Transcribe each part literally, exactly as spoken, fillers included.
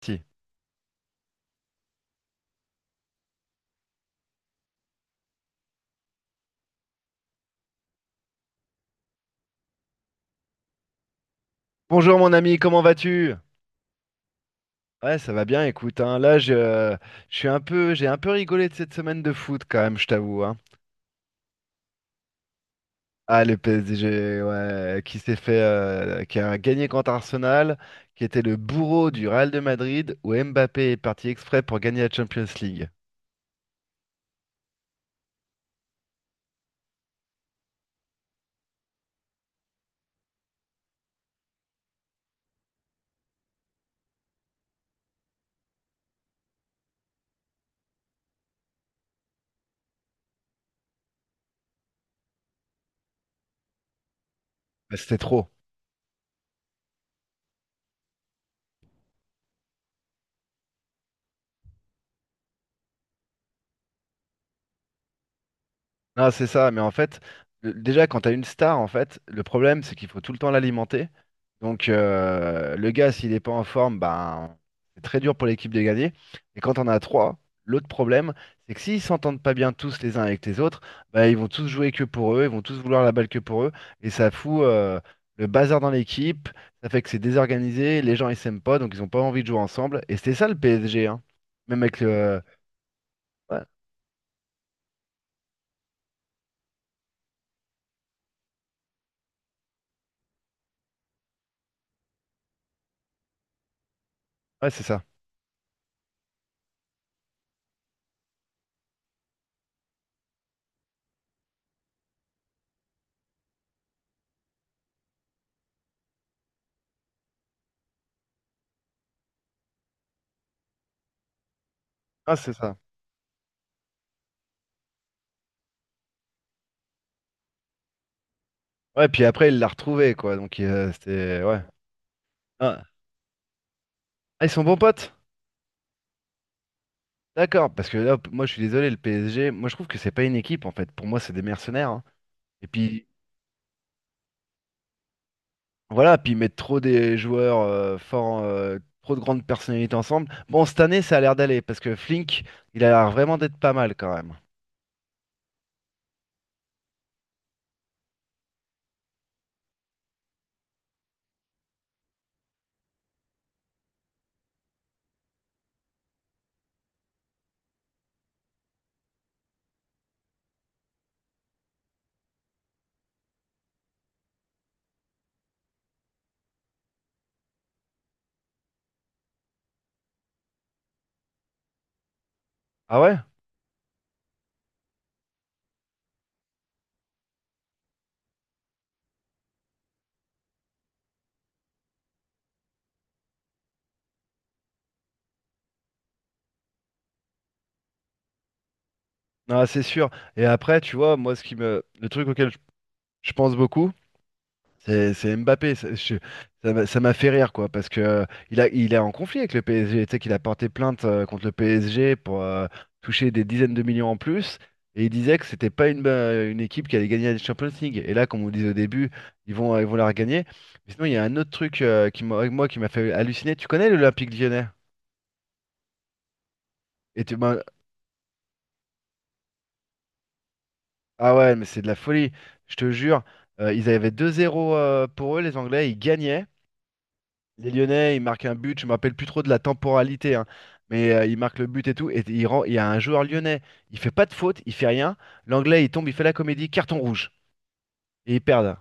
Si. Bonjour mon ami, comment vas-tu? Ouais, ça va bien, écoute, hein, là, je, je suis un peu, j'ai un peu rigolé de cette semaine de foot quand même, je t'avoue, hein. Ah, le P S G, ouais, qui s'est fait, euh, qui a gagné contre Arsenal, qui était le bourreau du Real de Madrid, où Mbappé est parti exprès pour gagner la Champions League. Bah, c'était trop. Ah, c'est ça, mais en fait, le- déjà quand t'as une star, en fait, le problème c'est qu'il faut tout le temps l'alimenter. Donc euh, le gars, s'il n'est pas en forme, ben c'est très dur pour l'équipe de gagner. Et quand on a trois, l'autre problème, c'est que s'ils s'entendent pas bien tous les uns avec les autres, ben, ils vont tous jouer que pour eux, ils vont tous vouloir la balle que pour eux, et ça fout euh, le bazar dans l'équipe, ça fait que c'est désorganisé, les gens ils s'aiment pas, donc ils ont pas envie de jouer ensemble. Et c'était ça le P S G, hein. Même avec le. Ouais, ouais, c'est ça. Ah, c'est ça. Ouais, puis après, il l'a retrouvé, quoi. Donc, euh, c'était. Ouais. Ah, ah, ils sont bons potes? D'accord, parce que là, p- moi, je suis désolé, le P S G, moi, je trouve que c'est pas une équipe, en fait. Pour moi, c'est des mercenaires, hein. Et puis, voilà, puis ils mettent trop des joueurs euh, forts, euh, trop de grandes personnalités ensemble. Bon, cette année, ça a l'air d'aller, parce que Flink, il a l'air vraiment d'être pas mal, quand même. Ah ouais? Non, c'est sûr. Et après, tu vois, moi, ce qui me. Le truc auquel je je pense beaucoup. C'est c'est Mbappé, ça je- ça m'a ça m'a fait rire quoi, parce que euh, il a, il est en conflit avec le P S G, tu sais qu'il a porté plainte euh, contre le P S G pour euh, toucher des dizaines de millions en plus, et il disait que c'était pas une, euh, une équipe qui allait gagner la Champions League. Et là, comme on disait au début, ils vont, ils vont la regagner. Mais sinon, il y a un autre truc euh, qui m'a, moi, qui m'a fait halluciner. Tu connais l'Olympique Lyonnais? Et tu, ben, ah ouais, mais c'est de la folie, je te jure. Euh, ils avaient deux zéro euh, pour eux, les Anglais, ils gagnaient. Les Lyonnais, ils marquent un but, je me rappelle plus trop de la temporalité, hein, mais euh, ils marquent le but et tout, et il rend- il y a un joueur lyonnais, il fait pas de faute, il fait rien, l'anglais il tombe, il fait la comédie, carton rouge, et ils perdent.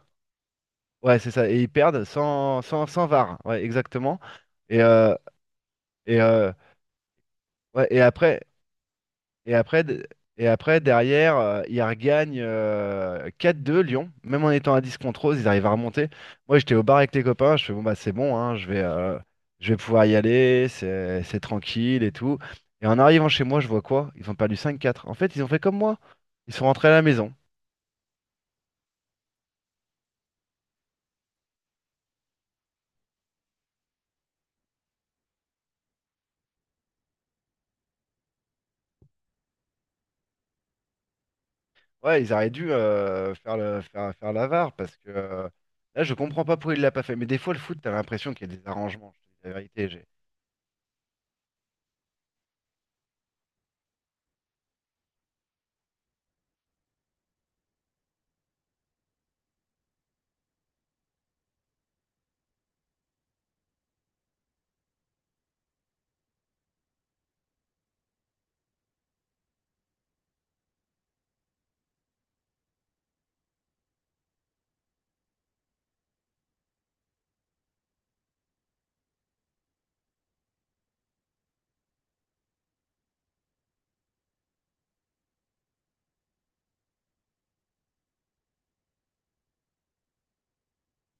Ouais, c'est ça, et ils perdent sans, sans, sans V A R, ouais, exactement. Et, euh, et, euh, ouais, et après, Et après, de- et après derrière, euh, ils regagnent euh, quatre deux Lyon. Même en étant à dix contre onze, ils arrivent à remonter. Moi, j'étais au bar avec les copains. Je fais, bon, bah, c'est bon, hein, je vais, euh, je vais pouvoir y aller. C'est c'est tranquille et tout. Et en arrivant chez moi, je vois quoi? Ils ont perdu cinq quatre. En fait, ils ont fait comme moi. Ils sont rentrés à la maison. Ouais, ils auraient dû euh, faire le, faire, faire la V A R parce que euh, là, je comprends pas pourquoi il l'a pas fait. Mais des fois, le foot, t'as l'impression qu'il y a des arrangements. Je te dis la vérité, j'ai.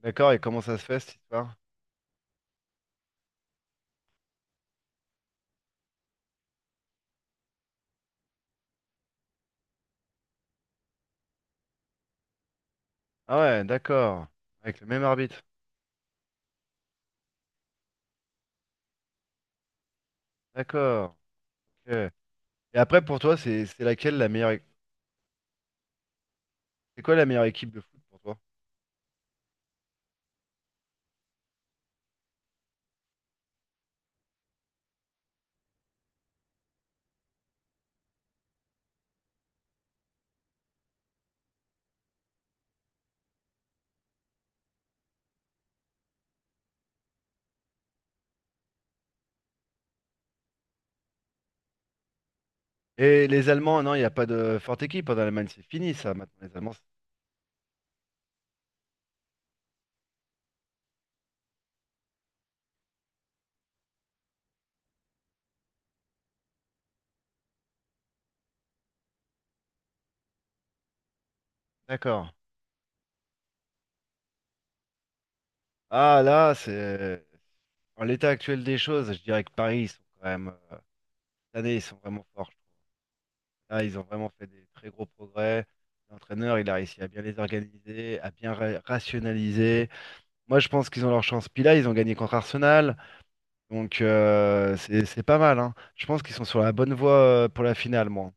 D'accord, et comment ça se fait cette histoire? Ah ouais, d'accord. Avec le même arbitre. D'accord. Ok. Et après, pour toi, c'est c'est laquelle la meilleure... é- C'est quoi la meilleure équipe de foot pour toi? Et les Allemands, non, il n'y a pas de forte équipe hein, dans l'Allemagne. C'est fini, ça, maintenant, les Allemands. c'est- D'accord. Ah, là, c'est... En l'état actuel des choses, je dirais que Paris, ils sont quand même... euh, Cette année, ils sont vraiment forts, je trouve. Là, ils ont vraiment fait des très gros progrès. L'entraîneur, il a réussi à bien les organiser, à bien ra- rationaliser. Moi, je pense qu'ils ont leur chance. Puis là, ils ont gagné contre Arsenal. Donc euh, c'est c'est pas mal, hein. Je pense qu'ils sont sur la bonne voie euh, pour la finale, moi.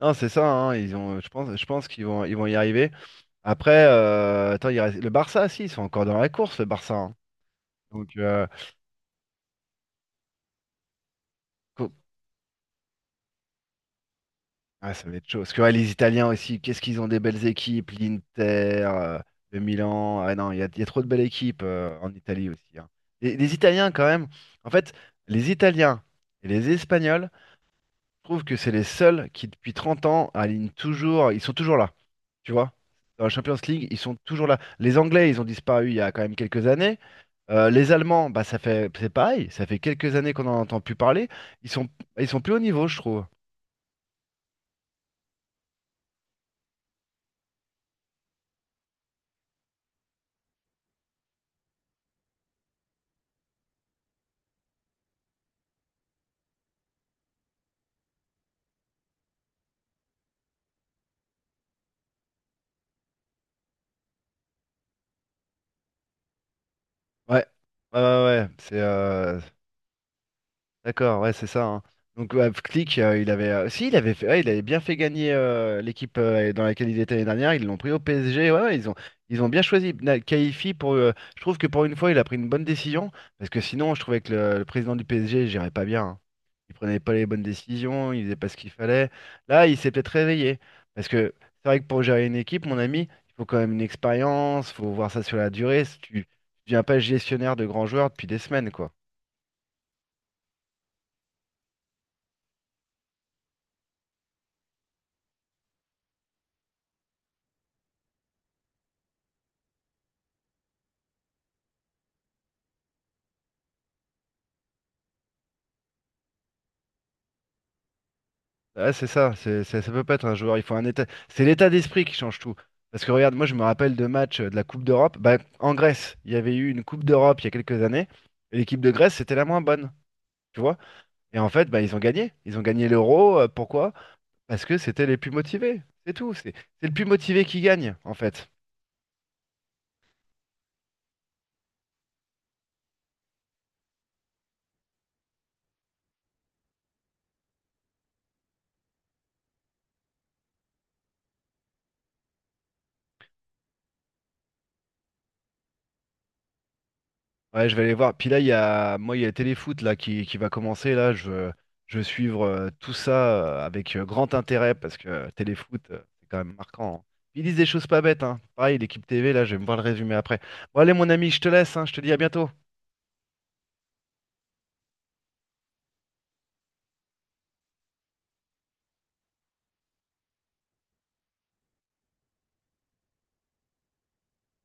Non, c'est ça, hein, ils ont, je pense, je pense qu'ils vont, ils vont, y arriver. Après, euh, attends, il reste- le Barça, si, ils sont encore dans la course, le Barça, hein. Donc, euh, co- ah, ça va être chaud. Parce que ouais, les Italiens aussi, qu'est-ce qu'ils ont des belles équipes, l'Inter, euh, le Milan. Ah non, il y a, il y a trop de belles équipes euh, en Italie aussi, hein. Et les Italiens, quand même, en fait, les Italiens et les Espagnols, je trouve que c'est les seuls qui, depuis trente ans, alignent toujours, ils sont toujours là. Tu vois? Dans la Champions League, ils sont toujours là. Les Anglais, ils ont disparu il y a quand même quelques années. Euh, les Allemands, bah ça fait c'est pareil, ça fait quelques années qu'on n'en entend plus parler. Ils sont ils sont plus au niveau, je trouve. Ouais, ouais, ouais, ouais. C'est euh, D'accord, ouais, c'est ça, hein. Donc ouais, Flick, euh, il avait, euh, si, il avait fait, ouais, il avait bien fait gagner euh, l'équipe euh, dans laquelle il était l'année dernière. Ils l'ont pris au P S G. Ouais, ouais, ils ont, ils ont bien choisi Na- Kaifi pour. euh, Je trouve que pour une fois, il a pris une bonne décision parce que sinon, je trouvais que le, le président du P S G, il gérait pas bien, hein. Il prenait pas les bonnes décisions, il faisait pas ce qu'il fallait. Là, il s'est peut-être réveillé parce que c'est vrai que pour gérer une équipe, mon ami, il faut quand même une expérience, faut voir ça sur la durée. Si Tu, tu deviens pas gestionnaire de grands joueurs depuis des semaines, quoi. Ouais, c'est ça, c'est, c'est- ça peut pas être un joueur, il faut un état. C'est l'état d'esprit qui change tout. Parce que regarde, moi je me rappelle de matchs euh, de la Coupe d'Europe. Bah, en Grèce, il y avait eu une Coupe d'Europe il y a quelques années, et l'équipe de Grèce, c'était la moins bonne, tu vois. Et en fait, bah, ils ont gagné. Ils ont gagné l'Euro. Euh, pourquoi? Parce que c'était les plus motivés. C'est tout. C'est c'est le plus motivé qui gagne, en fait. Ouais, je vais aller voir. Puis là, il y a, moi, il y a le Téléfoot là qui, qui va commencer. Là, je veux, je veux suivre euh, tout ça euh, avec euh, grand intérêt parce que euh, Téléfoot, euh, c'est quand même marquant, hein. Ils disent des choses pas bêtes, hein. Pareil, l'équipe T V, là, je vais me voir le résumé après. Bon, allez, mon ami, je te laisse, hein, je te dis à bientôt.